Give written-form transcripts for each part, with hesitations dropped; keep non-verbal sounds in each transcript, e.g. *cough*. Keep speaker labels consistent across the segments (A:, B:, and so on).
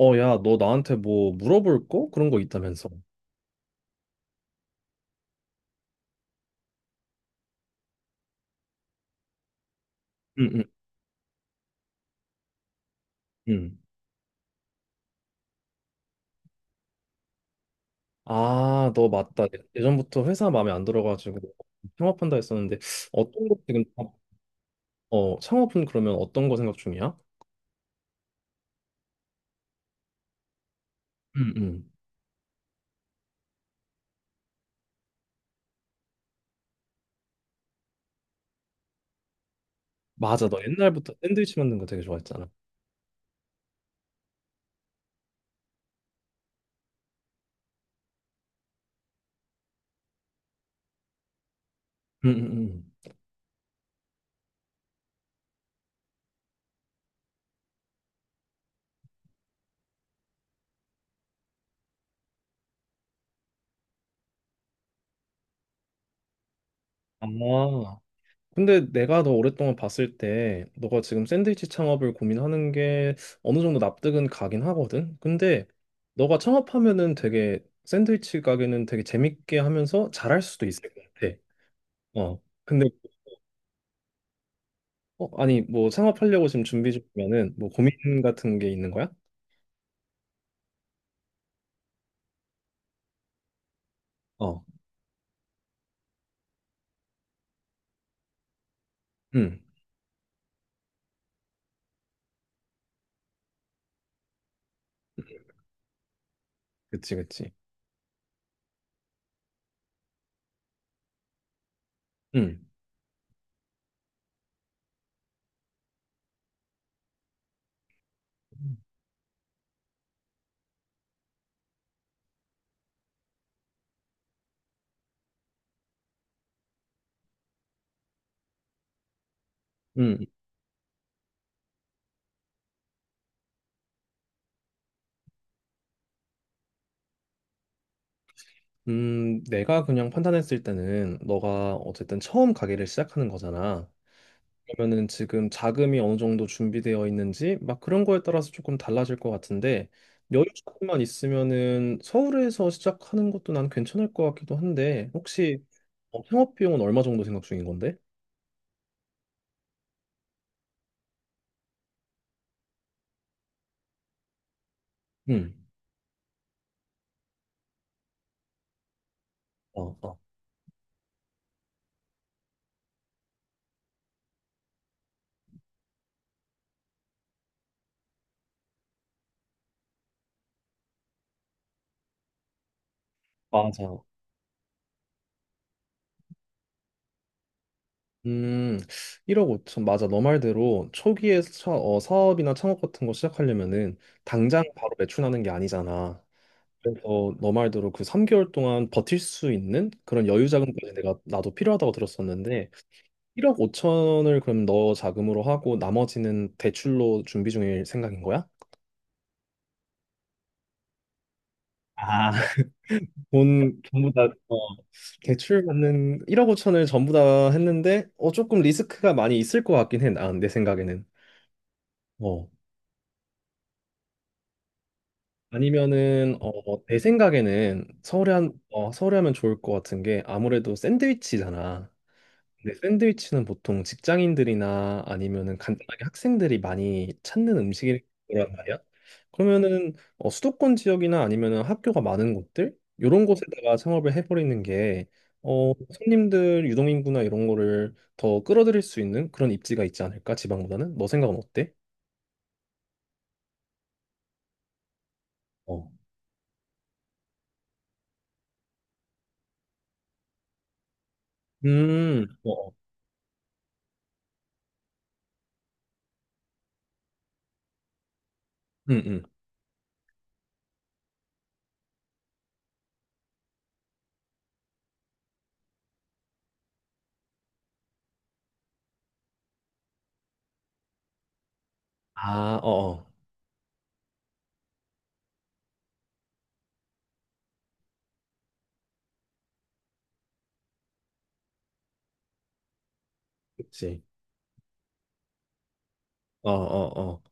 A: 야, 너 나한테 뭐 물어볼 거? 그런 거 있다면서. 응, 응, 응. 아, 너 맞다. 예, 예전부터 회사 마음에 안 들어가지고 창업한다 했었는데 어떤 거 지금 창업은 그러면 어떤 거 생각 중이야? 응, 응. 맞아, 너 옛날부터 샌드위치 만든 거 되게 좋아했잖아. 응, 응, 응. 아, 근데 내가 너 오랫동안 봤을 때 너가 지금 샌드위치 창업을 고민하는 게 어느 정도 납득은 가긴 하거든. 근데 너가 창업하면은 되게 샌드위치 가게는 되게 재밌게 하면서 잘할 수도 있을 것 같아. 어. 근데 아니 뭐 창업하려고 지금 준비 중이면은 뭐 고민 같은 게 있는 거야? 어. 음. 그치, 그치. 음. 음, 내가 그냥 판단했을 때는 너가 어쨌든 처음 가게를 시작하는 거잖아. 그러면은 지금 자금이 어느 정도 준비되어 있는지 막 그런 거에 따라서 조금 달라질 것 같은데 여유 조금만 있으면은 서울에서 시작하는 것도 난 괜찮을 것 같기도 한데 혹시 창업 비용은 얼마 정도 생각 중인 건데? 음. 어, 어. 맞아. 음, 1억 5천 맞아. 너 말대로 초기에 사업이나 창업 같은 거 시작하려면은 당장 바로 매출하는 게 아니잖아. 그래서 너 말대로 그 3개월 동안 버틸 수 있는 그런 여유 자금까지 내가 나도 필요하다고 들었었는데 1억 5천을 그럼 너 자금으로 하고 나머지는 대출로 준비 중일 생각인 거야? 아, *laughs* 돈 전부 다 대출 받는 1억 5천을 전부 다 했는데 조금 리스크가 많이 있을 것 같긴 해. 난 내 생각에는. 어. 아니면은 내 생각에는 서울에 하면 좋을 것 같은 게 아무래도 샌드위치잖아. 네, 샌드위치는 보통 직장인들이나 아니면은 간단하게 학생들이 많이 찾는 음식이란 말이야. 그러면은 수도권 지역이나 아니면은 학교가 많은 곳들 이런 곳에다가 창업을 해버리는 게 손님들 유동 인구나 이런 거를 더 끌어들일 수 있는 그런 입지가 있지 않을까 지방보다는? 너 생각은 어때? 어. 어, 어. 음, 음. 아, 어, 어. 그치. 어, 어, 어.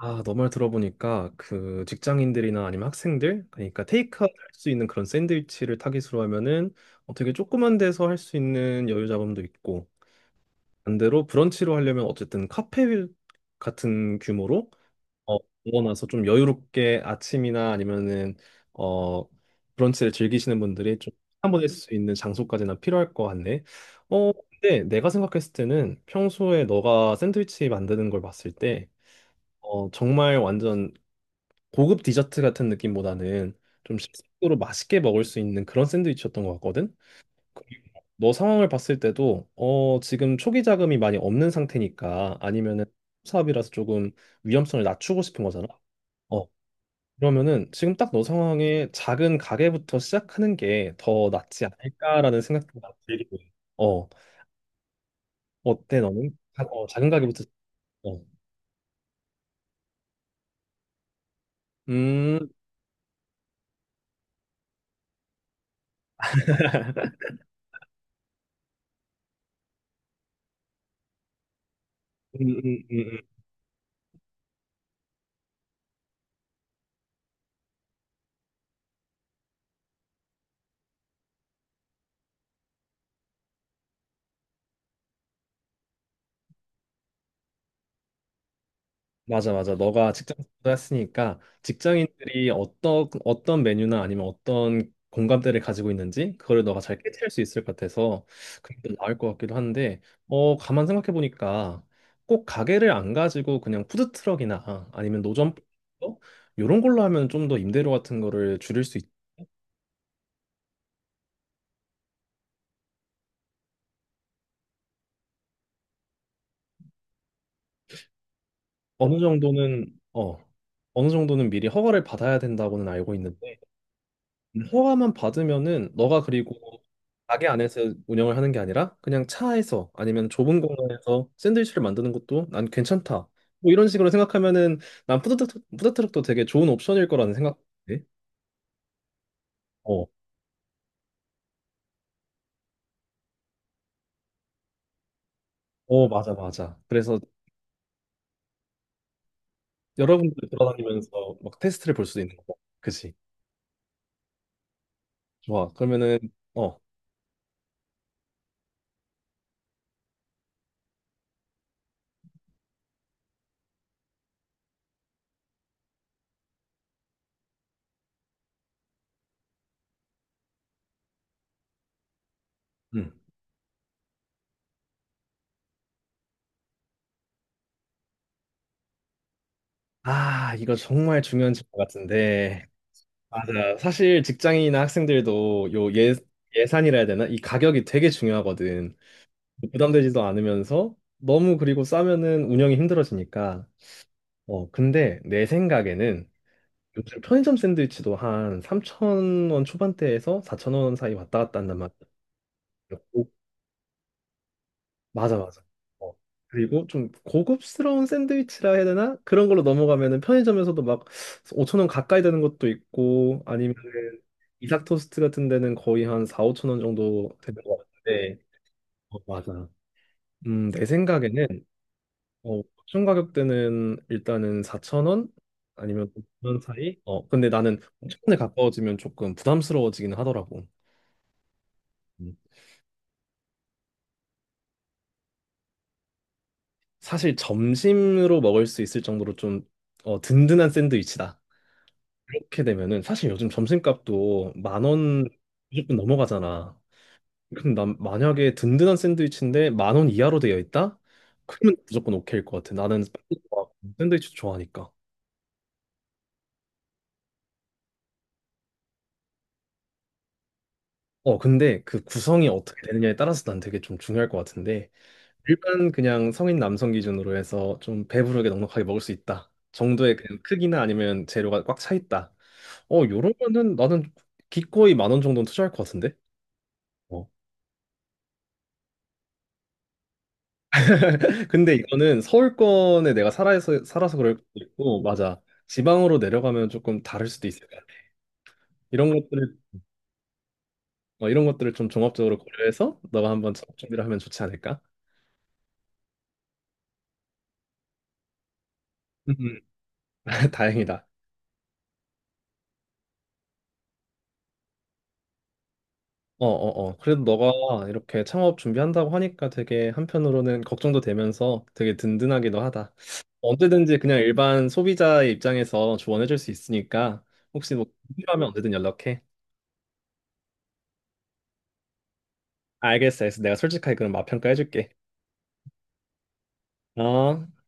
A: 아, 너말 들어보니까 그 직장인들이나 아니면 학생들 그러니까 테이크아웃 할 수 있는 그런 샌드위치를 타깃으로 하면은 되게 조그만 데서 할 수 있는 여유 자금도 있고 반대로 브런치로 하려면 어쨌든 카페 같은 규모로 어, 모아놔서 좀 여유롭게 아침이나 아니면은 어 브런치를 즐기시는 분들이 좀 한번 할 수 있는 장소까지나 필요할 것 같네. 어, 근데 내가 생각했을 때는 평소에 너가 샌드위치 만드는 걸 봤을 때 정말 완전 고급 디저트 같은 느낌보다는 좀 식으로 맛있게 먹을 수 있는 그런 샌드위치였던 것 같거든. 그리고 너 상황을 봤을 때도 지금 초기 자금이 많이 없는 상태니까 아니면은 사업이라서 조금 위험성을 낮추고 싶은 거잖아. 어 그러면은 지금 딱 너 상황에 작은 가게부터 시작하는 게 더 낫지 않을까라는 생각도 나 들고. 어 어때 너는? 작은 가게부터. 어. 음, 음, 음, 음, 음. 맞아, 맞아. 너가 직장생활도 했으니까 직장인들이 어떤 어떤 메뉴나 아니면 어떤 공감대를 가지고 있는지 그거를 너가 잘 캐치할 수 있을 것 같아서 그게 더 나을 것 같기도 한데, 가만 생각해 보니까 꼭 가게를 안 가지고 그냥 푸드 트럭이나 아니면 노점 이런 걸로 하면 좀 더 임대료 같은 거를 줄일 수 있. 어느 정도는 어 미리 허가를 받아야 된다고는 알고 있는데. 허가만 받으면은 너가 그리고 가게 안에서 운영을 하는 게 아니라 그냥 차에서 아니면 좁은 공간에서 샌드위치를 만드는 것도 난 괜찮다. 뭐 이런 식으로 생각하면은 난 푸드트럭도 되게 좋은 옵션일 거라는 생각인데. 어, 어, 맞아, 맞아. 그래서 여러분들 돌아다니면서 막 테스트를 볼 수도 있는 거고. 그치 좋아. 그러면은, 어, 음. 아, 이거 정말 중요한 질문 같은데. 맞아. 사실 직장인이나 학생들도 예산이라 해야 되나? 이 가격이 되게 중요하거든. 부담되지도 않으면서 너무 그리고 싸면은 운영이 힘들어지니까. 근데 내 생각에는 요즘 편의점 샌드위치도 한3천 원 초반대에서 4천 원 사이 왔다 갔다 한단 말이야. 오, 맞아, 맞아. 어, 그리고 좀 고급스러운 샌드위치라 해야 되나? 그런 걸로 넘어가면은 편의점에서도 막5천 원 가까이 되는 것도 있고 아니면 이삭 토스트 같은 데는 거의 한 4, 5천 원 정도 되는 것 같은데. 어, 맞아. 내 생각에는 옵션 가격대는 일단은 4,000원 아니면 5,000원 사이? 근데 나는 5천 원에 가까워지면 조금 부담스러워지긴 하더라고. 음. 사실 점심으로 먹을 수 있을 정도로 좀 든든한 샌드위치다. 이렇게 되면은 사실 요즘 점심값도 만 원 무조건 넘어가잖아. 근데 난 만약에 든든한 샌드위치인데 만 원 이하로 되어 있다? 그러면 무조건 오케이일 것 같아. 나는 샌드위치 좋아하니까. 근데 그 구성이 어떻게 되느냐에 따라서 난 되게 좀 중요할 것 같은데 일반 그냥 성인 남성 기준으로 해서 좀 배부르게 넉넉하게 먹을 수 있다 정도의 그냥 크기나 아니면 재료가 꽉 차 있다. 요런 거는 나는 기꺼이 만 원 정도는 투자할 것 같은데. 어. *laughs* 근데 이거는 서울권에 내가 살아서 그럴 수도 있고 맞아. 지방으로 내려가면 조금 다를 수도 있을 것 같아. 이런 것들을 이런 것들을 좀 종합적으로 고려해서 너가 한번 작업 준비를 하면 좋지 않을까? 음. *laughs* 다행이다. 어, 어, 어. 그래도 너가 이렇게 창업 준비한다고 하니까 되게 한편으로는 걱정도 되면서 되게 든든하기도 하다. 언제든지 그냥 일반 소비자의 입장에서 조언해줄 수 있으니까 혹시 뭐 필요하면 언제든 연락해. 알겠어, 알겠어. 내가 솔직하게 그럼 맛 평가해줄게. 어.